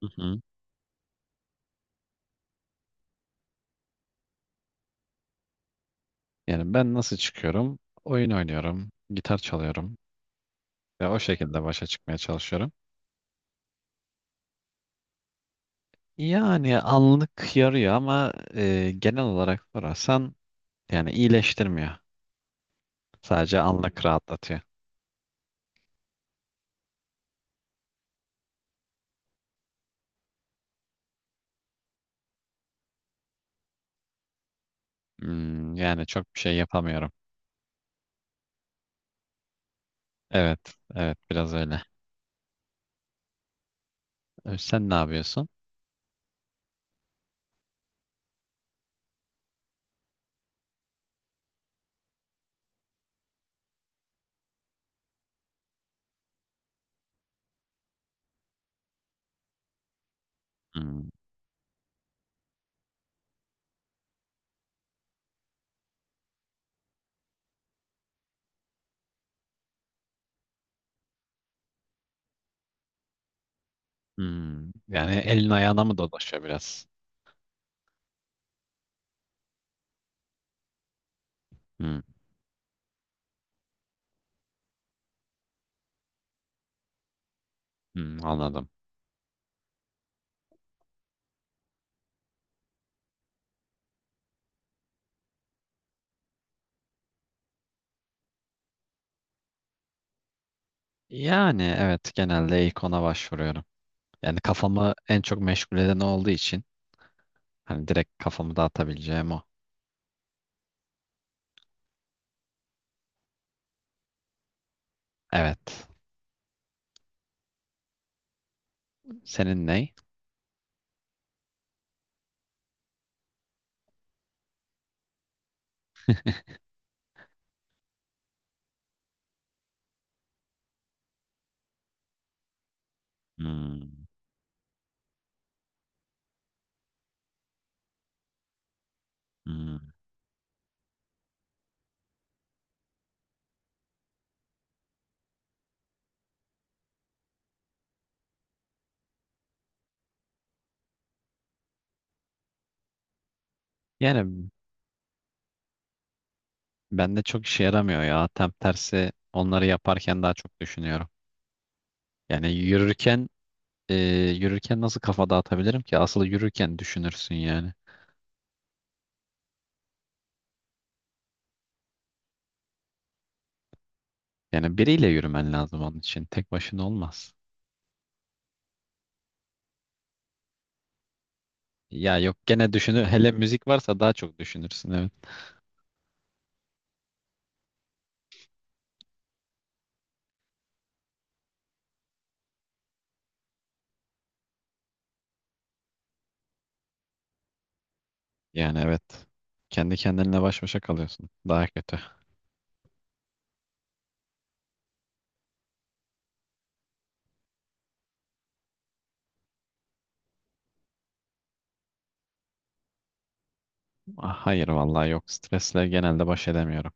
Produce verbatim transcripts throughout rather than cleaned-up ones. Hı hı. Yani ben nasıl çıkıyorum? Oyun oynuyorum, gitar çalıyorum ve o şekilde başa çıkmaya çalışıyorum. Yani anlık yarıyor ama e, genel olarak sorarsan yani iyileştirmiyor. Sadece anlık rahatlatıyor. Hmm, yani çok bir şey yapamıyorum. Evet, evet biraz öyle. E, Sen ne yapıyorsun? Hmm, hmm. Yani elin ayağına mı dolaşıyor biraz? Hmm, hmm, anladım. Yani evet genelde ilk ona başvuruyorum. Yani kafamı en çok meşgul eden o olduğu için. Hani direkt kafamı dağıtabileceğim o. Evet. Senin ne? Hmm, hmm. Yani bende çok işe yaramıyor ya. Tam tersi onları yaparken daha çok düşünüyorum. Yani yürürken e, yürürken nasıl kafa dağıtabilirim ki? Asıl yürürken düşünürsün yani. Yani biriyle yürümen lazım onun için. Tek başına olmaz. Ya yok gene düşünür. Hele müzik varsa daha çok düşünürsün evet. Yani evet. Kendi kendinle baş başa kalıyorsun. Daha kötü. Ah, hayır vallahi yok. Stresle genelde baş edemiyorum.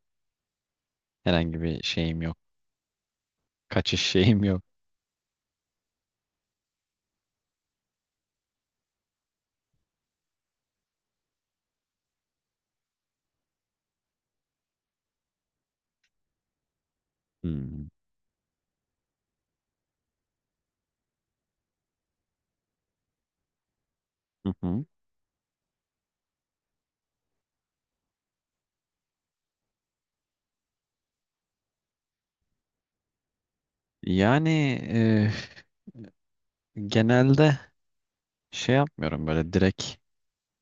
Herhangi bir şeyim yok. Kaçış şeyim yok. Hmm. Hı hı. Yani e, genelde şey yapmıyorum böyle direkt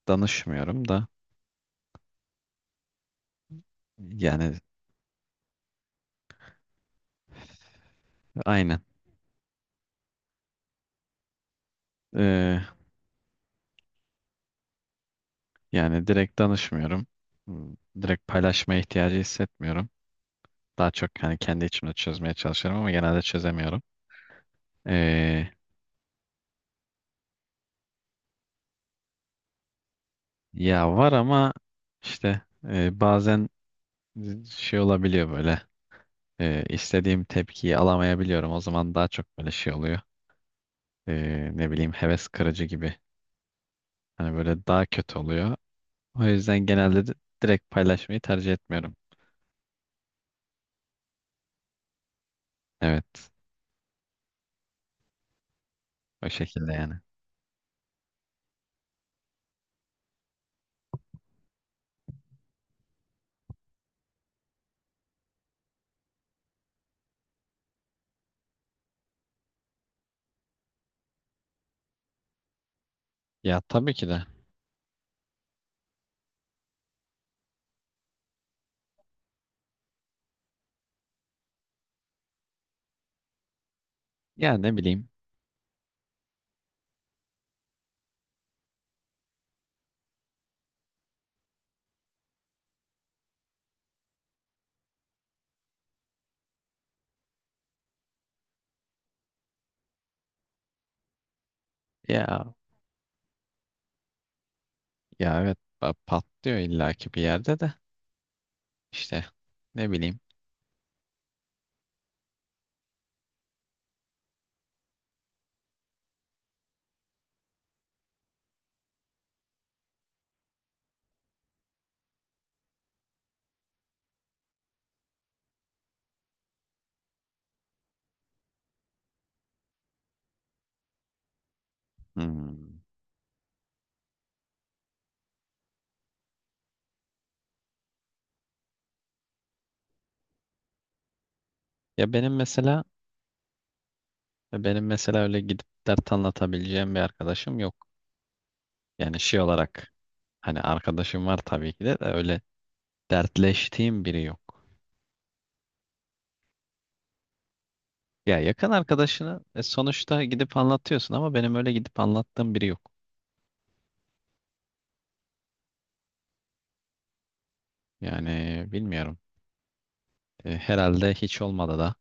danışmıyorum da yani aynen. E, Yani direkt danışmıyorum. Hmm, direkt paylaşmaya ihtiyacı hissetmiyorum. Daha çok hani kendi içimde çözmeye çalışıyorum ama genelde çözemiyorum. E, Ya var ama işte e, bazen şey olabiliyor böyle, e, istediğim tepkiyi alamayabiliyorum. O zaman daha çok böyle şey oluyor. e, Ne bileyim heves kırıcı gibi. Hani böyle daha kötü oluyor. O yüzden genelde de direkt paylaşmayı tercih etmiyorum. Evet. O şekilde yani. Ya tabii ki de. Ya ne bileyim. Ya ya evet pa- patlıyor illaki bir yerde de. İşte ne bileyim. Hmm. Ya benim mesela benim mesela öyle gidip dert anlatabileceğim bir arkadaşım yok. Yani şey olarak hani arkadaşım var tabii ki de, de öyle dertleştiğim biri yok. Ya yakın arkadaşını e, sonuçta gidip anlatıyorsun ama benim öyle gidip anlattığım biri yok. Yani bilmiyorum. E, herhalde hiç olmadı da.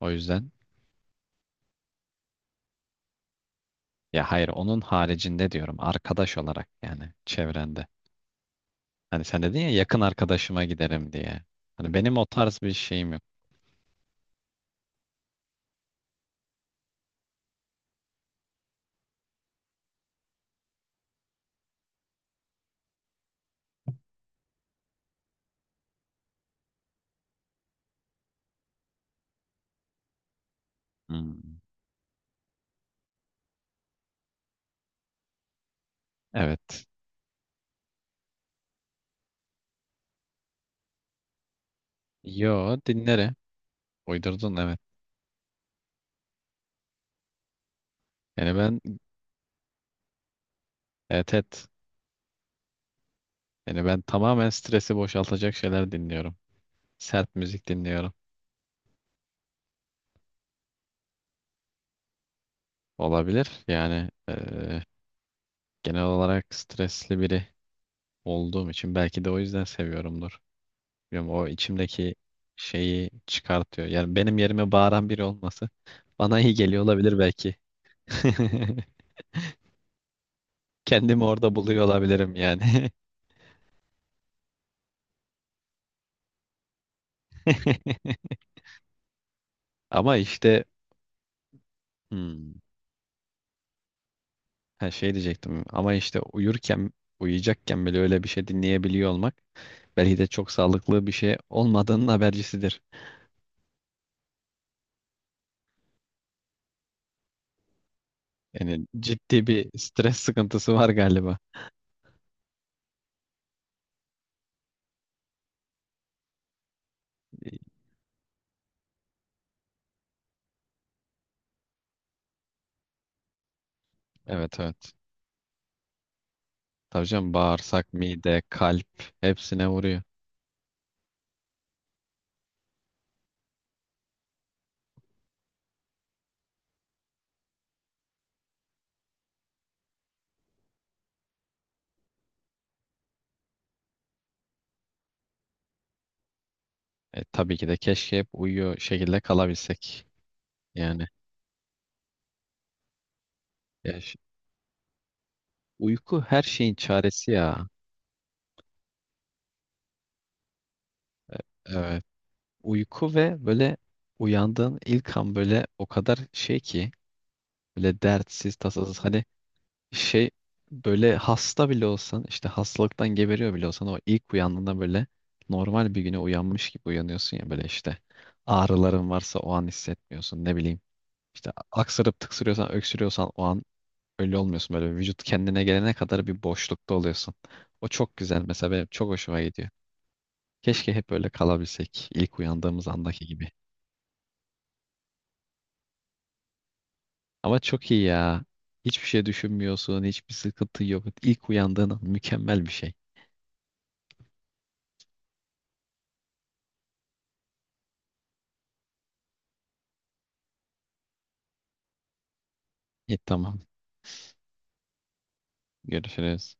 O yüzden ya hayır onun haricinde diyorum arkadaş olarak yani çevrende. Hani sen dedin ya yakın arkadaşıma giderim diye. Hani benim o tarz bir şeyim yok. Hmm. Evet. Yo dinlerim. Uydurdun evet. Yani ben evet, evet. Yani ben tamamen stresi boşaltacak şeyler dinliyorum. Sert müzik dinliyorum. Olabilir. Yani e, genel olarak stresli biri olduğum için belki de o yüzden seviyorumdur. Bilmiyorum, o içimdeki şeyi çıkartıyor. Yani benim yerime bağıran biri olması bana iyi geliyor olabilir belki. Kendimi orada buluyor olabilirim yani. Ama işte hmm, ha şey diyecektim. Ama işte uyurken, uyuyacakken bile öyle bir şey dinleyebiliyor olmak belki de çok sağlıklı bir şey olmadığının habercisidir. Yani ciddi bir stres sıkıntısı var galiba. Evet, evet. Tabii canım bağırsak, mide, kalp hepsine vuruyor. E, tabii ki de keşke hep uyuyor şekilde kalabilsek. Yani ya ş- uyku her şeyin çaresi ya. Evet. Uyku ve böyle uyandığın ilk an böyle o kadar şey ki böyle dertsiz, tasasız hani şey böyle hasta bile olsan işte hastalıktan geberiyor bile olsan o ilk uyandığında böyle normal bir güne uyanmış gibi uyanıyorsun ya böyle işte ağrıların varsa o an hissetmiyorsun ne bileyim. İşte aksırıp tıksırıyorsan, öksürüyorsan o an öyle olmuyorsun. Böyle vücut kendine gelene kadar bir boşlukta oluyorsun. O çok güzel mesela benim çok hoşuma gidiyor. Keşke hep böyle kalabilsek ilk uyandığımız andaki gibi. Ama çok iyi ya. Hiçbir şey düşünmüyorsun, hiçbir sıkıntı yok. İlk uyandığın an mükemmel bir şey. İyi tamam. Görüşürüz.